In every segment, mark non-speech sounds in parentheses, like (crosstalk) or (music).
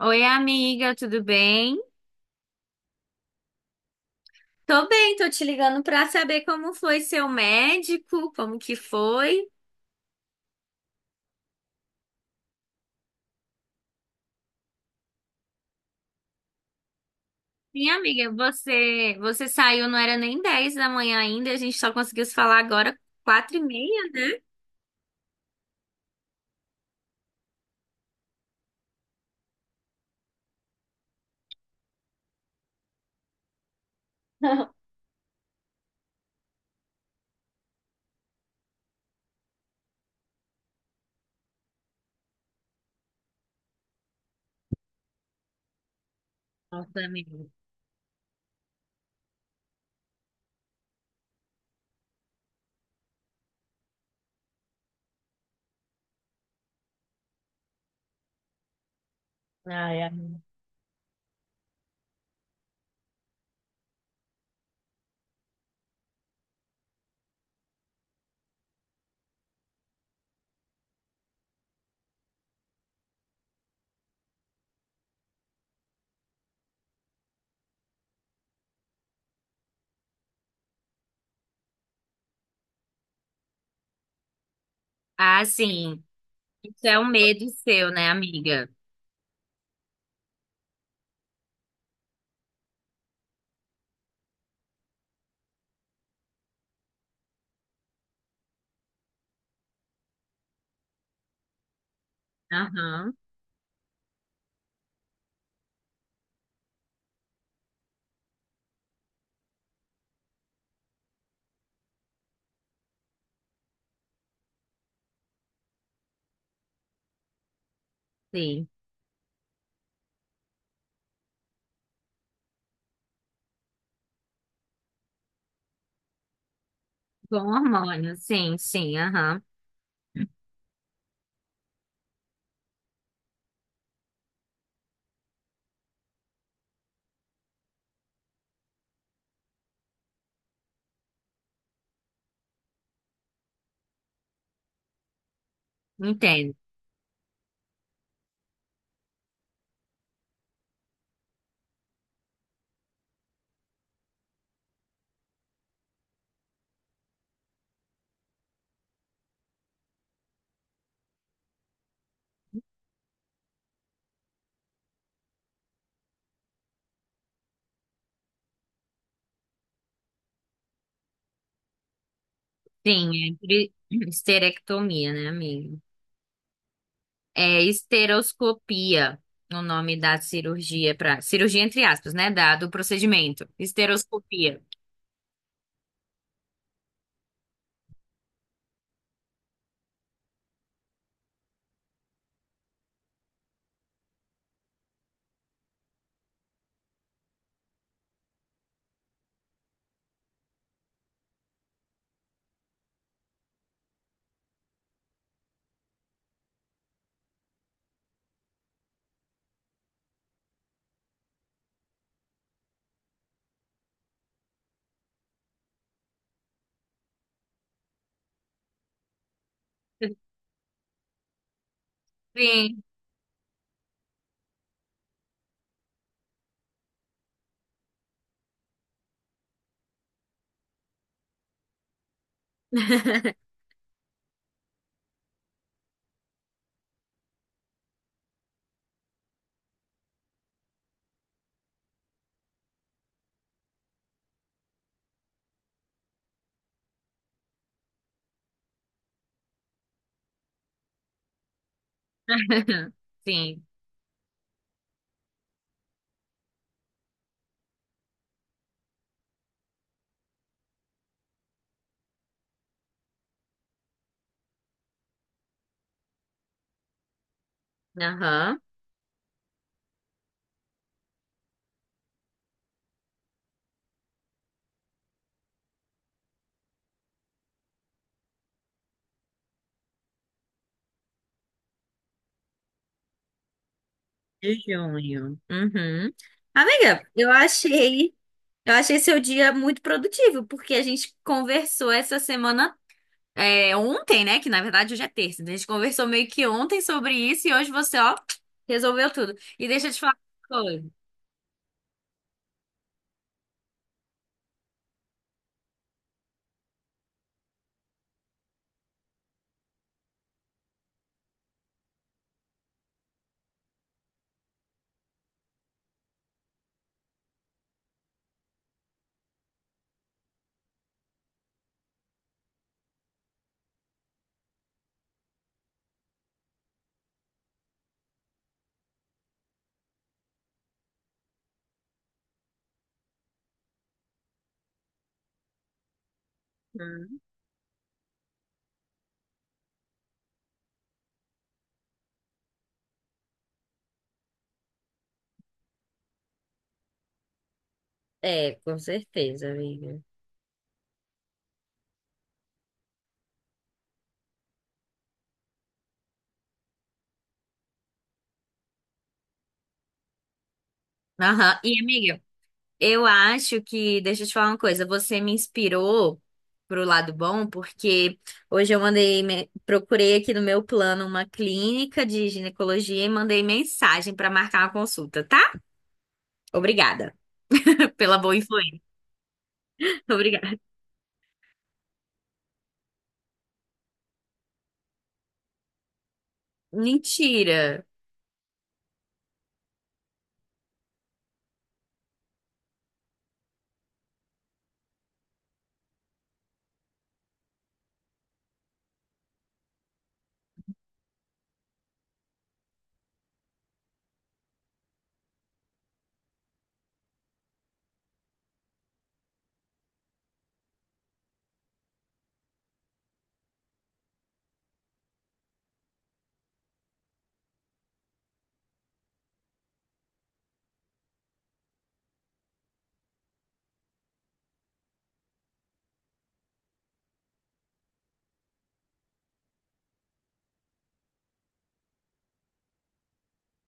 Oi, amiga, tudo bem? Tô bem, tô te ligando pra saber como foi seu médico, como que foi. Sim, amiga, você saiu, não era nem 10 da manhã ainda, a gente só conseguiu se falar agora 4h30, né? (laughs) Nossa, amiga. Ah, sim. Isso é um medo seu, né, amiga? Aham, sim. Com hormônio, sim, sim, aham. Entendo. Sim, é (clears throat) histerectomia, né, amiga? É esteroscopia, o nome da cirurgia para cirurgia entre aspas, né, da, do procedimento. Esteroscopia. Sim. (laughs) Sim. Aham. De junho. Uhum. Amiga, eu achei seu dia muito produtivo, porque a gente conversou essa semana, é, ontem, né? Que na verdade hoje é terça. Então a gente conversou meio que ontem sobre isso e hoje você, ó, resolveu tudo. E deixa eu te falar uma coisa. Hum. É, com certeza, amiga. Aham. E amiga, eu acho que, deixa eu te falar uma coisa, você me inspirou pro lado bom, porque hoje procurei aqui no meu plano uma clínica de ginecologia e mandei mensagem pra marcar uma consulta, tá? Obrigada (laughs) pela boa influência. Obrigada. Mentira.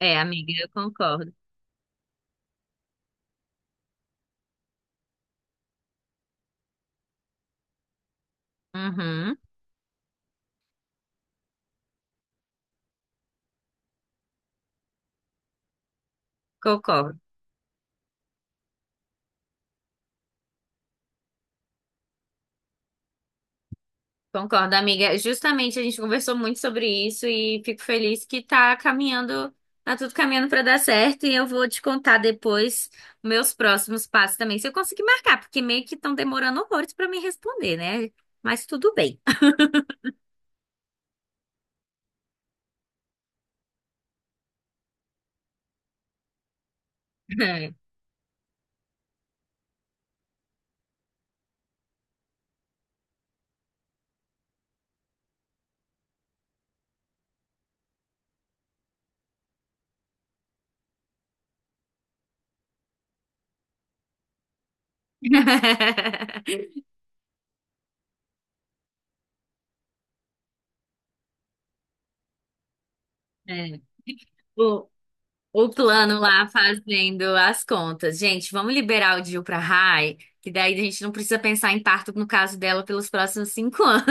É, amiga, eu concordo. Uhum, concordo. Concordo, amiga. Justamente a gente conversou muito sobre isso e fico feliz que tá caminhando, tá tudo caminhando para dar certo e eu vou te contar depois meus próximos passos também, se eu conseguir marcar, porque meio que estão demorando horrores para me responder, né? Mas tudo bem. É. (laughs) É. O, o plano lá fazendo as contas. Gente, vamos liberar o Dil pra Rai, que daí a gente não precisa pensar em parto no caso dela pelos próximos cinco (laughs) anos.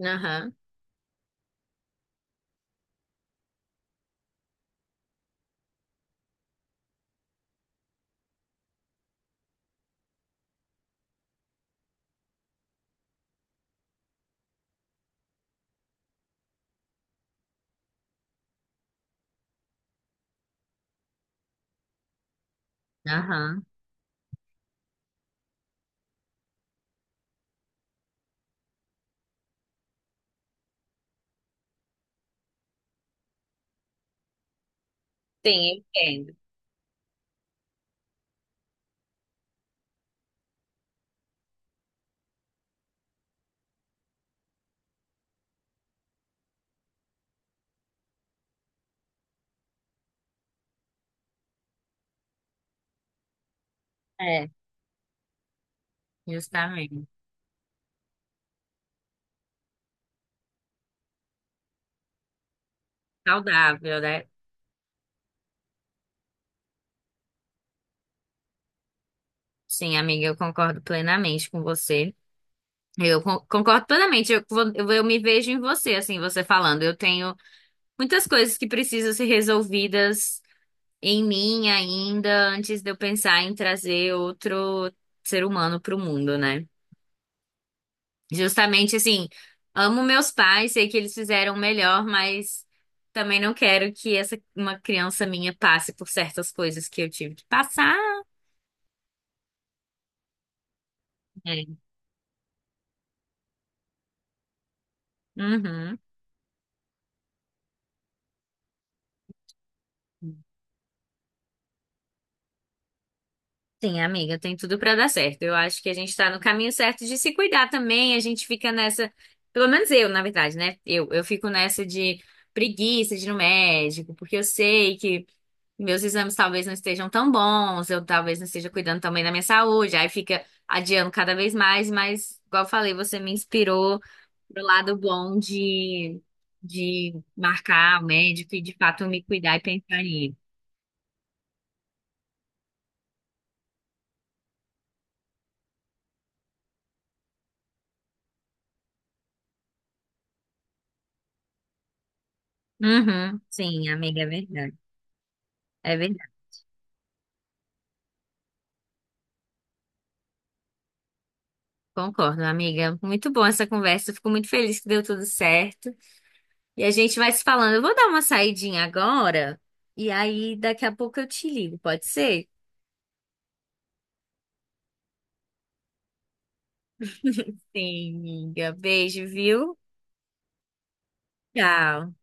Aham, aham. Sim, eu entendo. É. Justamente. Saudável, né? Sim, amiga, eu concordo plenamente com você. Concordo plenamente. Eu me vejo em você, assim, você falando. Eu tenho muitas coisas que precisam ser resolvidas em mim ainda, antes de eu pensar em trazer outro ser humano para o mundo, né? Justamente assim, amo meus pais, sei que eles fizeram o melhor, mas também não quero que essa uma criança minha passe por certas coisas que eu tive que passar. É. Uhum. Sim, amiga, tem tudo pra dar certo. Eu acho que a gente tá no caminho certo de se cuidar também. A gente fica nessa, pelo menos eu, na verdade, né? Eu fico nessa de preguiça de ir no médico, porque eu sei que meus exames talvez não estejam tão bons, eu talvez não esteja cuidando também da minha saúde. Aí fica adiando cada vez mais, mas, igual eu falei, você me inspirou pro lado bom de marcar o médico e de fato me cuidar e pensar em Uhum, sim, amiga, é verdade. É verdade. Concordo, amiga. Muito bom essa conversa. Fico muito feliz que deu tudo certo. E a gente vai se falando. Eu vou dar uma saidinha agora e aí daqui a pouco eu te ligo, pode ser? Sim, amiga. Beijo, viu? Tchau.